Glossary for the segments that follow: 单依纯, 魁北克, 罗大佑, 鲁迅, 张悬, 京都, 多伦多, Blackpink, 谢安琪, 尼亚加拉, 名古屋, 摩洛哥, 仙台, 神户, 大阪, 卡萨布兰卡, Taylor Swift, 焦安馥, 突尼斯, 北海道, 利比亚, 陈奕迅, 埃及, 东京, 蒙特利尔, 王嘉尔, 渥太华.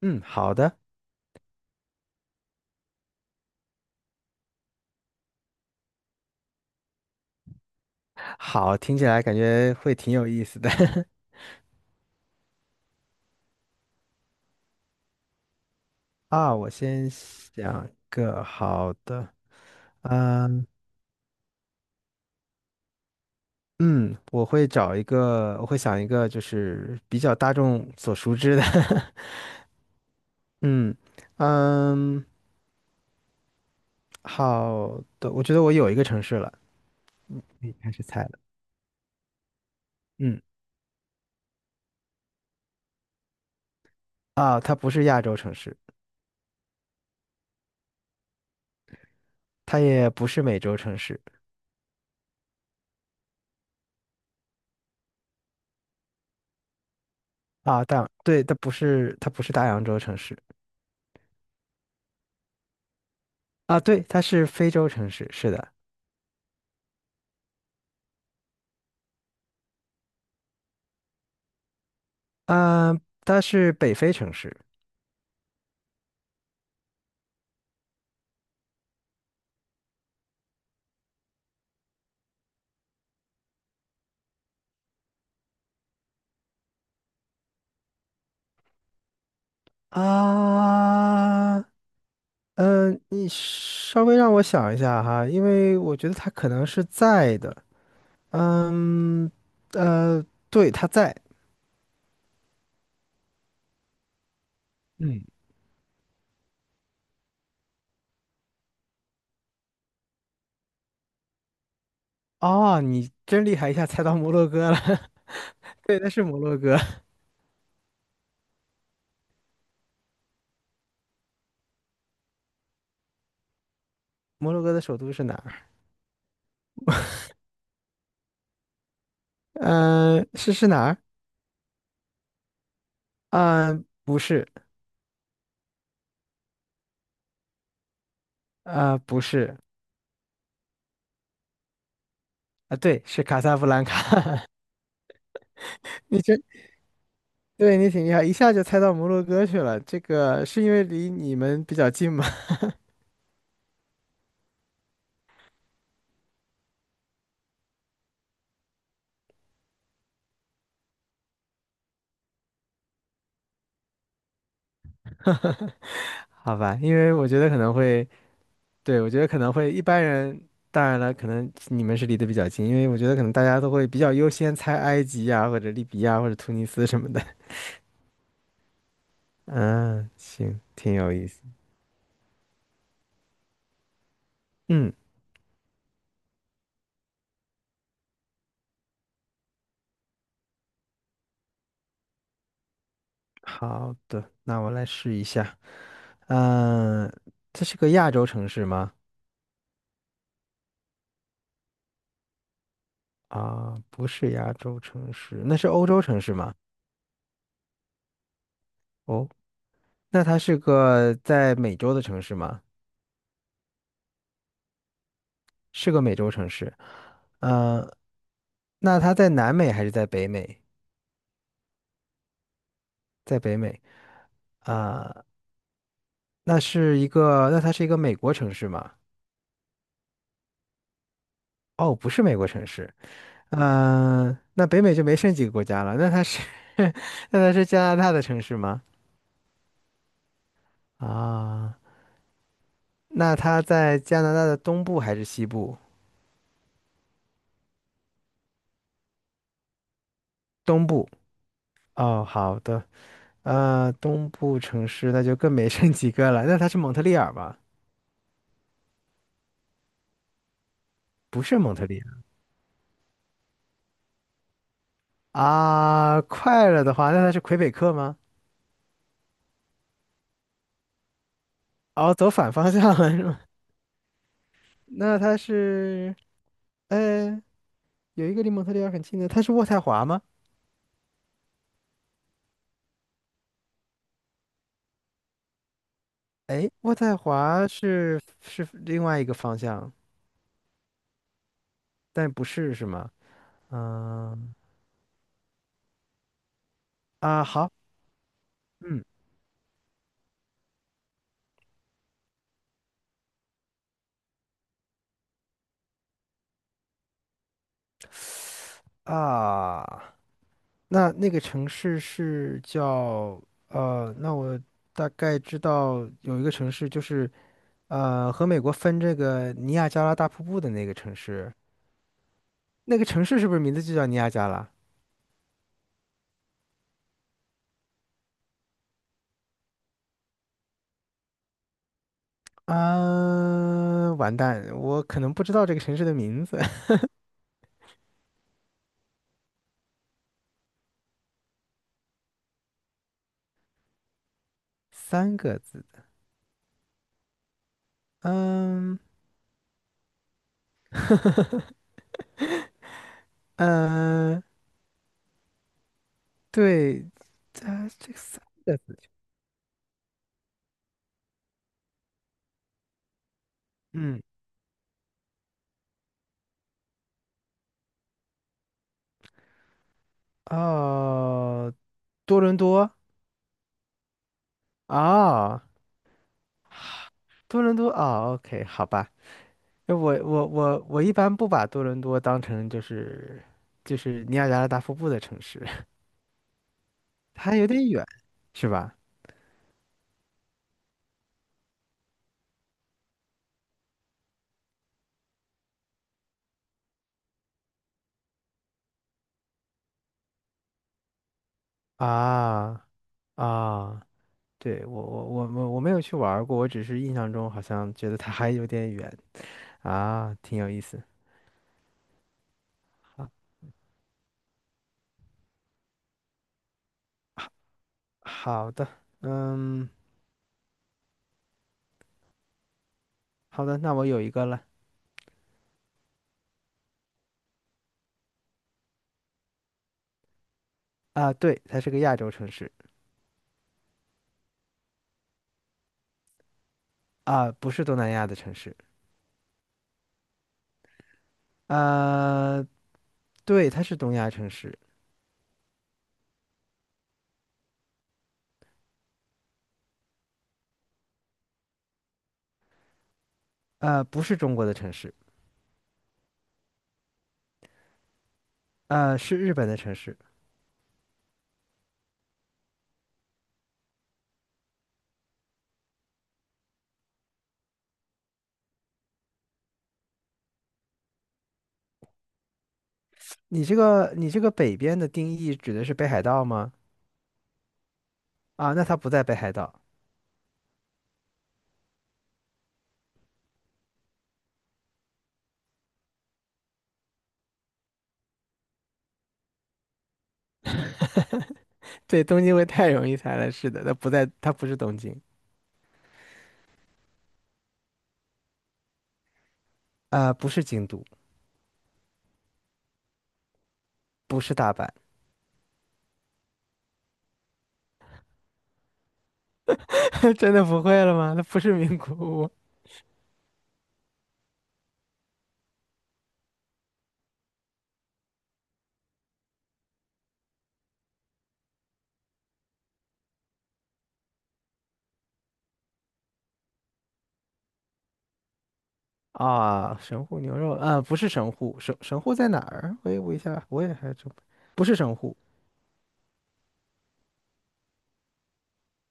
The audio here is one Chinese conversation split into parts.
嗯，好的，好，听起来感觉会挺有意思的。 啊。我先想一个好的。嗯嗯，我会想一个就是比较大众所熟知的。嗯嗯，好的，我觉得我有一个城市了，可以开始猜了。嗯，啊，它不是亚洲城市，它也不是美洲城市。啊，但对，它不是大洋洲城市。啊，对，它是非洲城市，是的。啊，它是北非城市。啊，嗯，你稍微让我想一下哈，因为我觉得它可能是在的。嗯，呃，对，它在。嗯，哦，你真厉害，一下猜到摩洛哥了。对，那是摩洛哥。摩洛哥的首都是哪儿？嗯，是哪儿？啊，不是。啊，不是。啊，对，是卡萨布兰卡。你这对你挺厉害，一下就猜到摩洛哥去了。这个是因为离你们比较近吗？好吧，因为我觉得可能会，对，我觉得可能会一般人，当然了，可能你们是离得比较近，因为我觉得可能大家都会比较优先猜埃及呀，或者利比亚或者突尼斯什么的。嗯，行，挺有意思。嗯，好的，那我来试一下。嗯，这是个亚洲城市吗？啊，不是亚洲城市，那是欧洲城市吗？哦。那它是个在美洲的城市吗？是个美洲城市。呃，那它在南美还是在北美？在北美。啊，那它是一个美国城市吗？哦，不是美国城市。嗯，那北美就没剩几个国家了。那它是，那它是加拿大的城市吗？啊，那它在加拿大的东部还是西部？东部。哦，好的。东部城市那就更没剩几个了。那它是蒙特利尔吧？不是蒙特利尔。啊，快了的话，那它是魁北克吗？哦，走反方向了是吗？那它是，呃，有一个离蒙特利尔很近的，它是渥太华吗？哎，渥太华是另外一个方向，但不是是吗？嗯，啊，好，嗯，啊，那那个城市是叫呃，那我大概知道有一个城市就是和美国分这个尼亚加拉大瀑布的那个城市。那个城市是不是名字就叫尼亚加拉？啊，完蛋，我可能不知道这个城市的名字。三个字。嗯嗯，对，这个三个字。嗯，哦，多伦多。哦，多伦多哦，OK，好吧。那我一般不把多伦多当成就是尼亚加拉大瀑布的城市。它有点远，是吧？啊，啊。哦，对，我没有去玩儿过，我只是印象中好像觉得它还有点远。啊，挺有意思。好，好好的。嗯，好的，那我有一个了。啊，对，它是个亚洲城市。啊，不是东南亚的城市。啊，对，它是东亚城市。啊，不是中国的城市。啊，是日本的城市。你这个北边的定义指的是北海道吗？啊，那它不在北海道。对，东京会太容易猜了，是的，它不是东京。啊，不是京都。不是大阪。真的不会了吗？那不是名古屋。啊，神户牛肉啊，不是神户。神户在哪儿？我一下我也还真不是神户。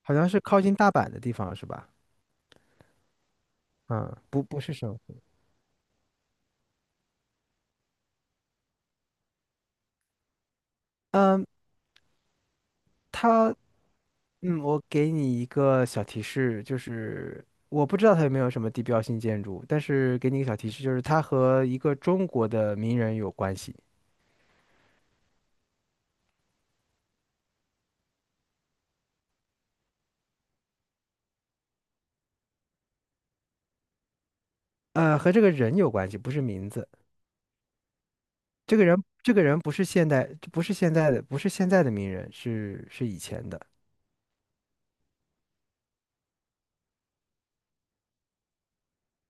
好像是靠近大阪的地方是吧？嗯，不是神户。嗯，它我给你一个小提示，就是我不知道它有没有什么地标性建筑，但是给你一个小提示，就是它和一个中国的名人有关系。和这个人有关系，不是名字。这个人不是现代，不是现在的名人，是以前的。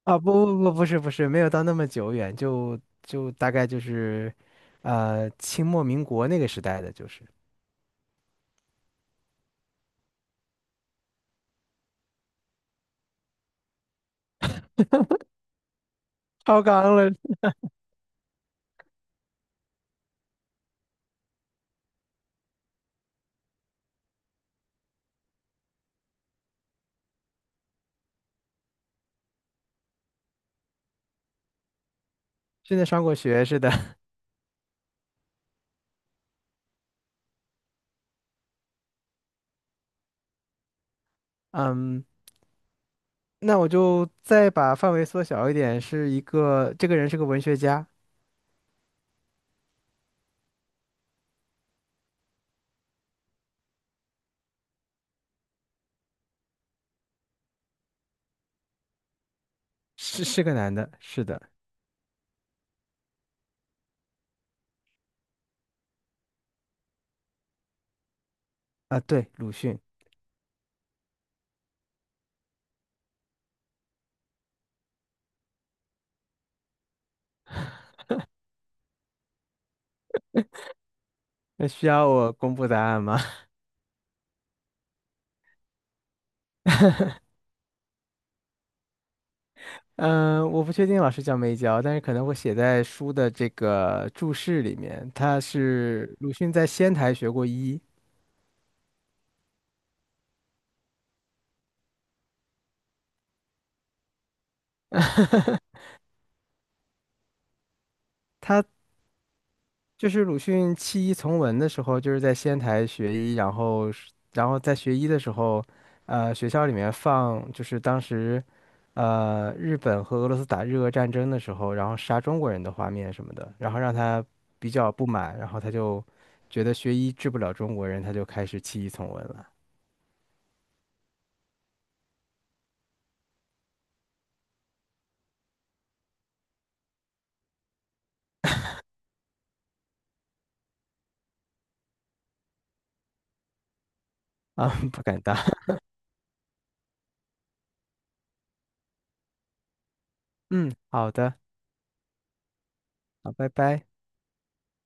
啊！不不不，不是不是，没有到那么久远，就大概就是。清末民国那个时代的，就是超纲了，真的上过学似的。嗯，那我就再把范围缩小一点，是一个，这个人是个文学家，是个男的，是的。啊，对，鲁迅。那需要我公布答案吗？嗯，我不确定老师教没教，但是可能会写在书的这个注释里面。他是鲁迅在仙台学过医。他就是鲁迅弃医从文的时候，就是在仙台学医，然后在学医的时候，学校里面放就是当时，日本和俄罗斯打日俄战争的时候，然后杀中国人的画面什么的，然后让他比较不满，然后他就觉得学医治不了中国人，他就开始弃医从文了。啊，不敢当。嗯，好的，好，拜拜。